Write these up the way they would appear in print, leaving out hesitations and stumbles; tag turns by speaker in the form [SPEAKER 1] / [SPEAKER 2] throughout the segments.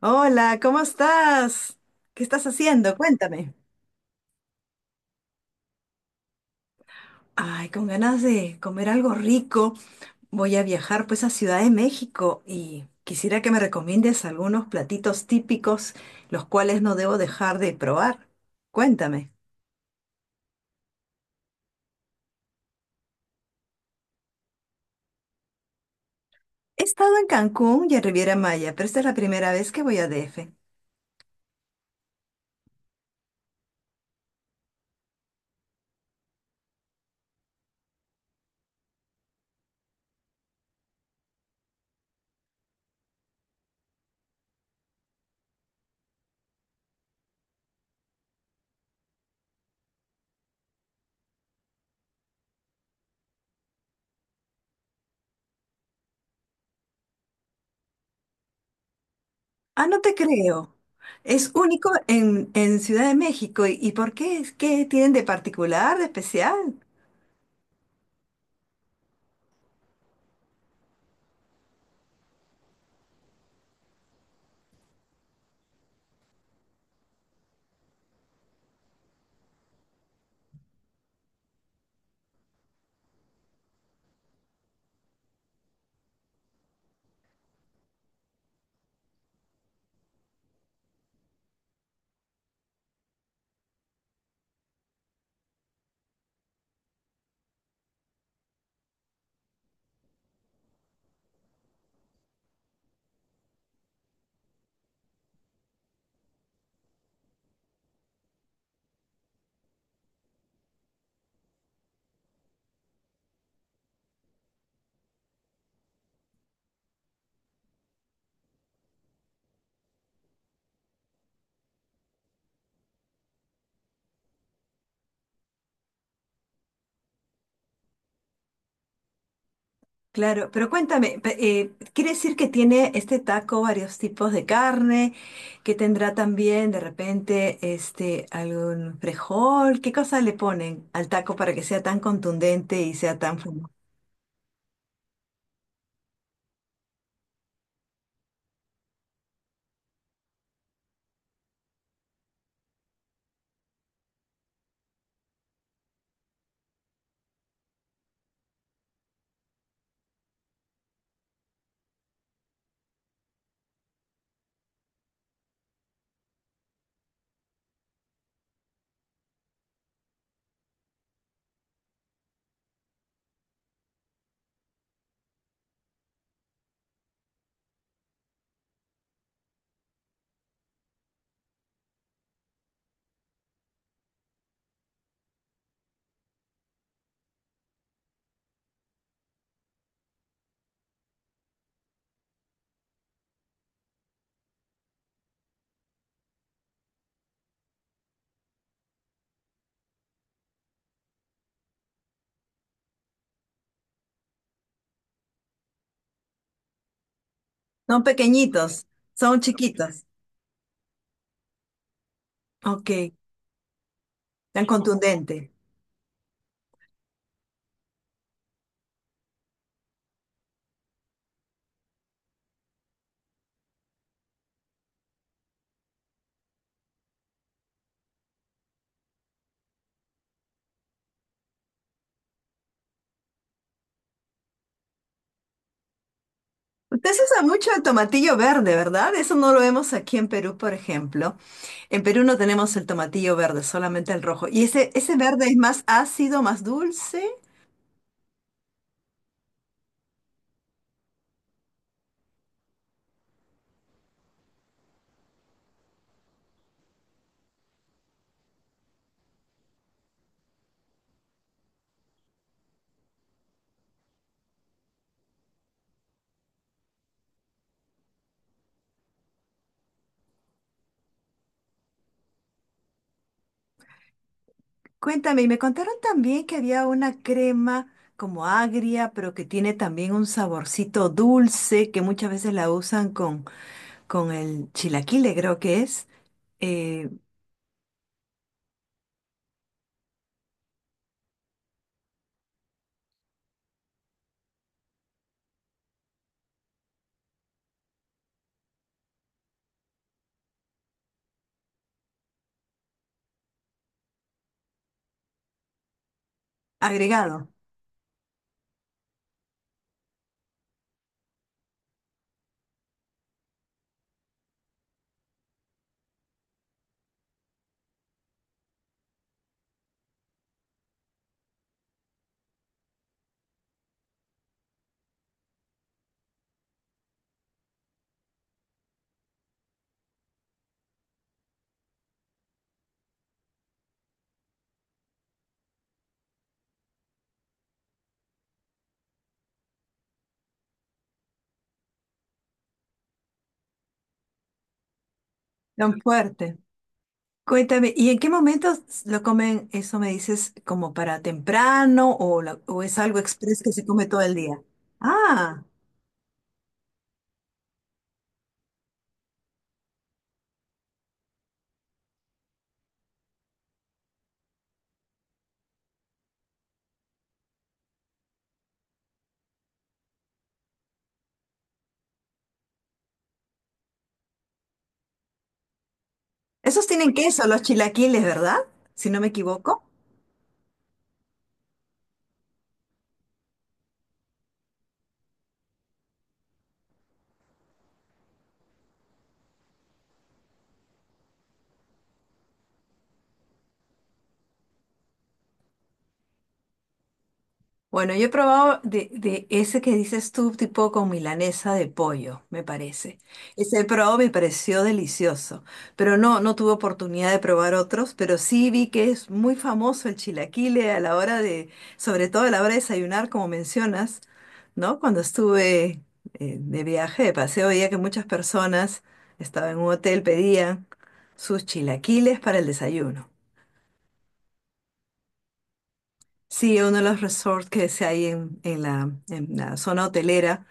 [SPEAKER 1] Hola, ¿cómo estás? ¿Qué estás haciendo? Cuéntame. Ay, con ganas de comer algo rico. Voy a viajar pues a Ciudad de México y quisiera que me recomiendes algunos platitos típicos, los cuales no debo dejar de probar. Cuéntame. He estado en Cancún y en Riviera Maya, pero esta es la primera vez que voy a DF. Ah, no te creo. Es único en Ciudad de México. Y por qué? ¿Qué tienen de particular, de especial? Claro, pero cuéntame, ¿quiere decir que tiene este taco varios tipos de carne, que tendrá también de repente este algún frijol? ¿Qué cosa le ponen al taco para que sea tan contundente y sea tan famoso? Son pequeñitos, son chiquitos. Ok, tan contundente. Usted se usa mucho el tomatillo verde, ¿verdad? Eso no lo vemos aquí en Perú, por ejemplo. En Perú no tenemos el tomatillo verde, solamente el rojo. ¿Y ese verde es más ácido, más dulce? Cuéntame, y me contaron también que había una crema como agria, pero que tiene también un saborcito dulce, que muchas veces la usan con el chilaquile, creo que es, eh, agregado, tan fuerte. Cuéntame, ¿y en qué momentos lo comen? Eso me dices, como para temprano o, o es algo express que se come todo el día. Ah, esos tienen queso, los chilaquiles, ¿verdad? Si no me equivoco. Bueno, yo he probado de ese que dices tú, tipo con milanesa de pollo, me parece. Ese he probado, me pareció delicioso, pero no, no tuve oportunidad de probar otros, pero sí vi que es muy famoso el chilaquile a la hora de, sobre todo a la hora de desayunar, como mencionas, ¿no? Cuando estuve de viaje, de paseo, veía que muchas personas estaban en un hotel, pedían sus chilaquiles para el desayuno. Sí, uno de los resorts que se hay en la zona hotelera,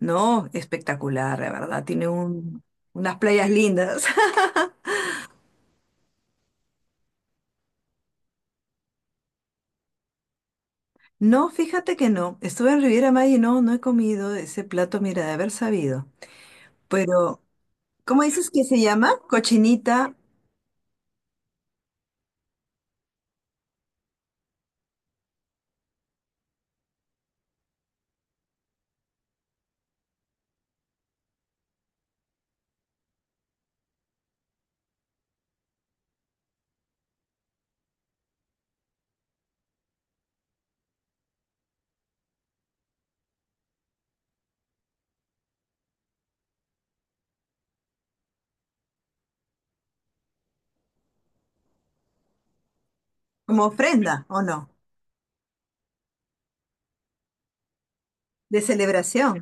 [SPEAKER 1] ¿no? Espectacular, la verdad. Tiene unas playas lindas. No, fíjate que no. Estuve en Riviera Maya y no, no he comido ese plato, mira, de haber sabido. Pero, ¿cómo dices que se llama? Cochinita como ofrenda, ¿o no? De celebración.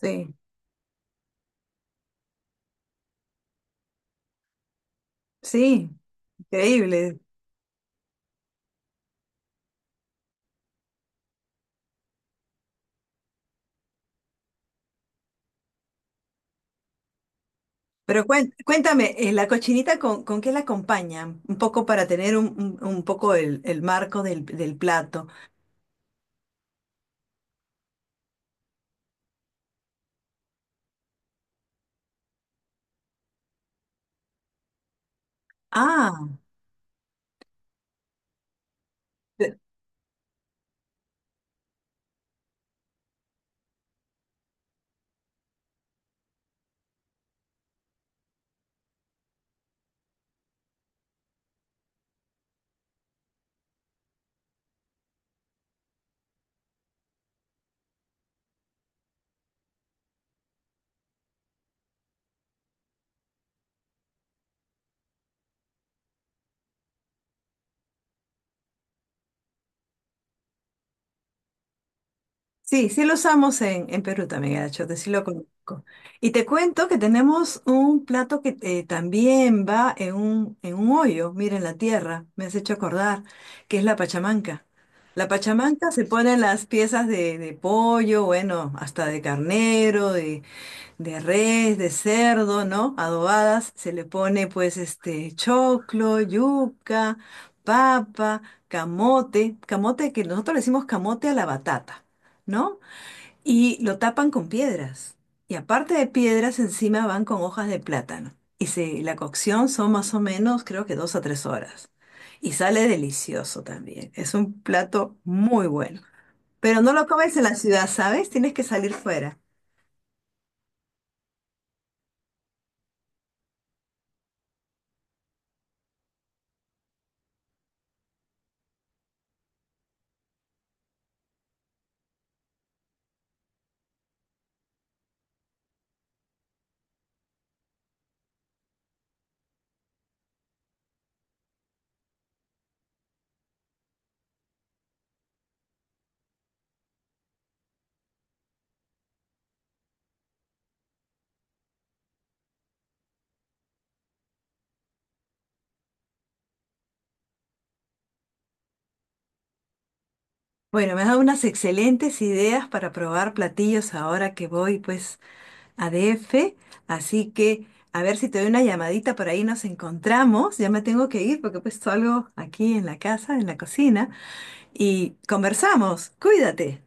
[SPEAKER 1] Sí, sí, increíble. Pero cuéntame, ¿la cochinita con qué la acompañan? Un poco para tener un poco el marco del, del plato. Ah, pe- sí, sí lo usamos en Perú también, el achiote, sí lo conozco. Y te cuento que tenemos un plato que también va en un hoyo, mira, en la tierra, me has hecho acordar, que es la pachamanca. La pachamanca se ponen las piezas de pollo, bueno, hasta de carnero, de res, de cerdo, ¿no? Adobadas, se le pone pues este choclo, yuca, papa, camote, camote que nosotros le decimos camote a la batata, ¿no? Y lo tapan con piedras. Y aparte de piedras, encima van con hojas de plátano. Y la cocción son más o menos, creo que dos a tres horas. Y sale delicioso también. Es un plato muy bueno. Pero no lo comes en la ciudad, ¿sabes? Tienes que salir fuera. Bueno, me has dado unas excelentes ideas para probar platillos ahora que voy pues a DF, así que a ver si te doy una llamadita por ahí nos encontramos. Ya me tengo que ir porque pues algo aquí en la casa, en la cocina y conversamos. Cuídate.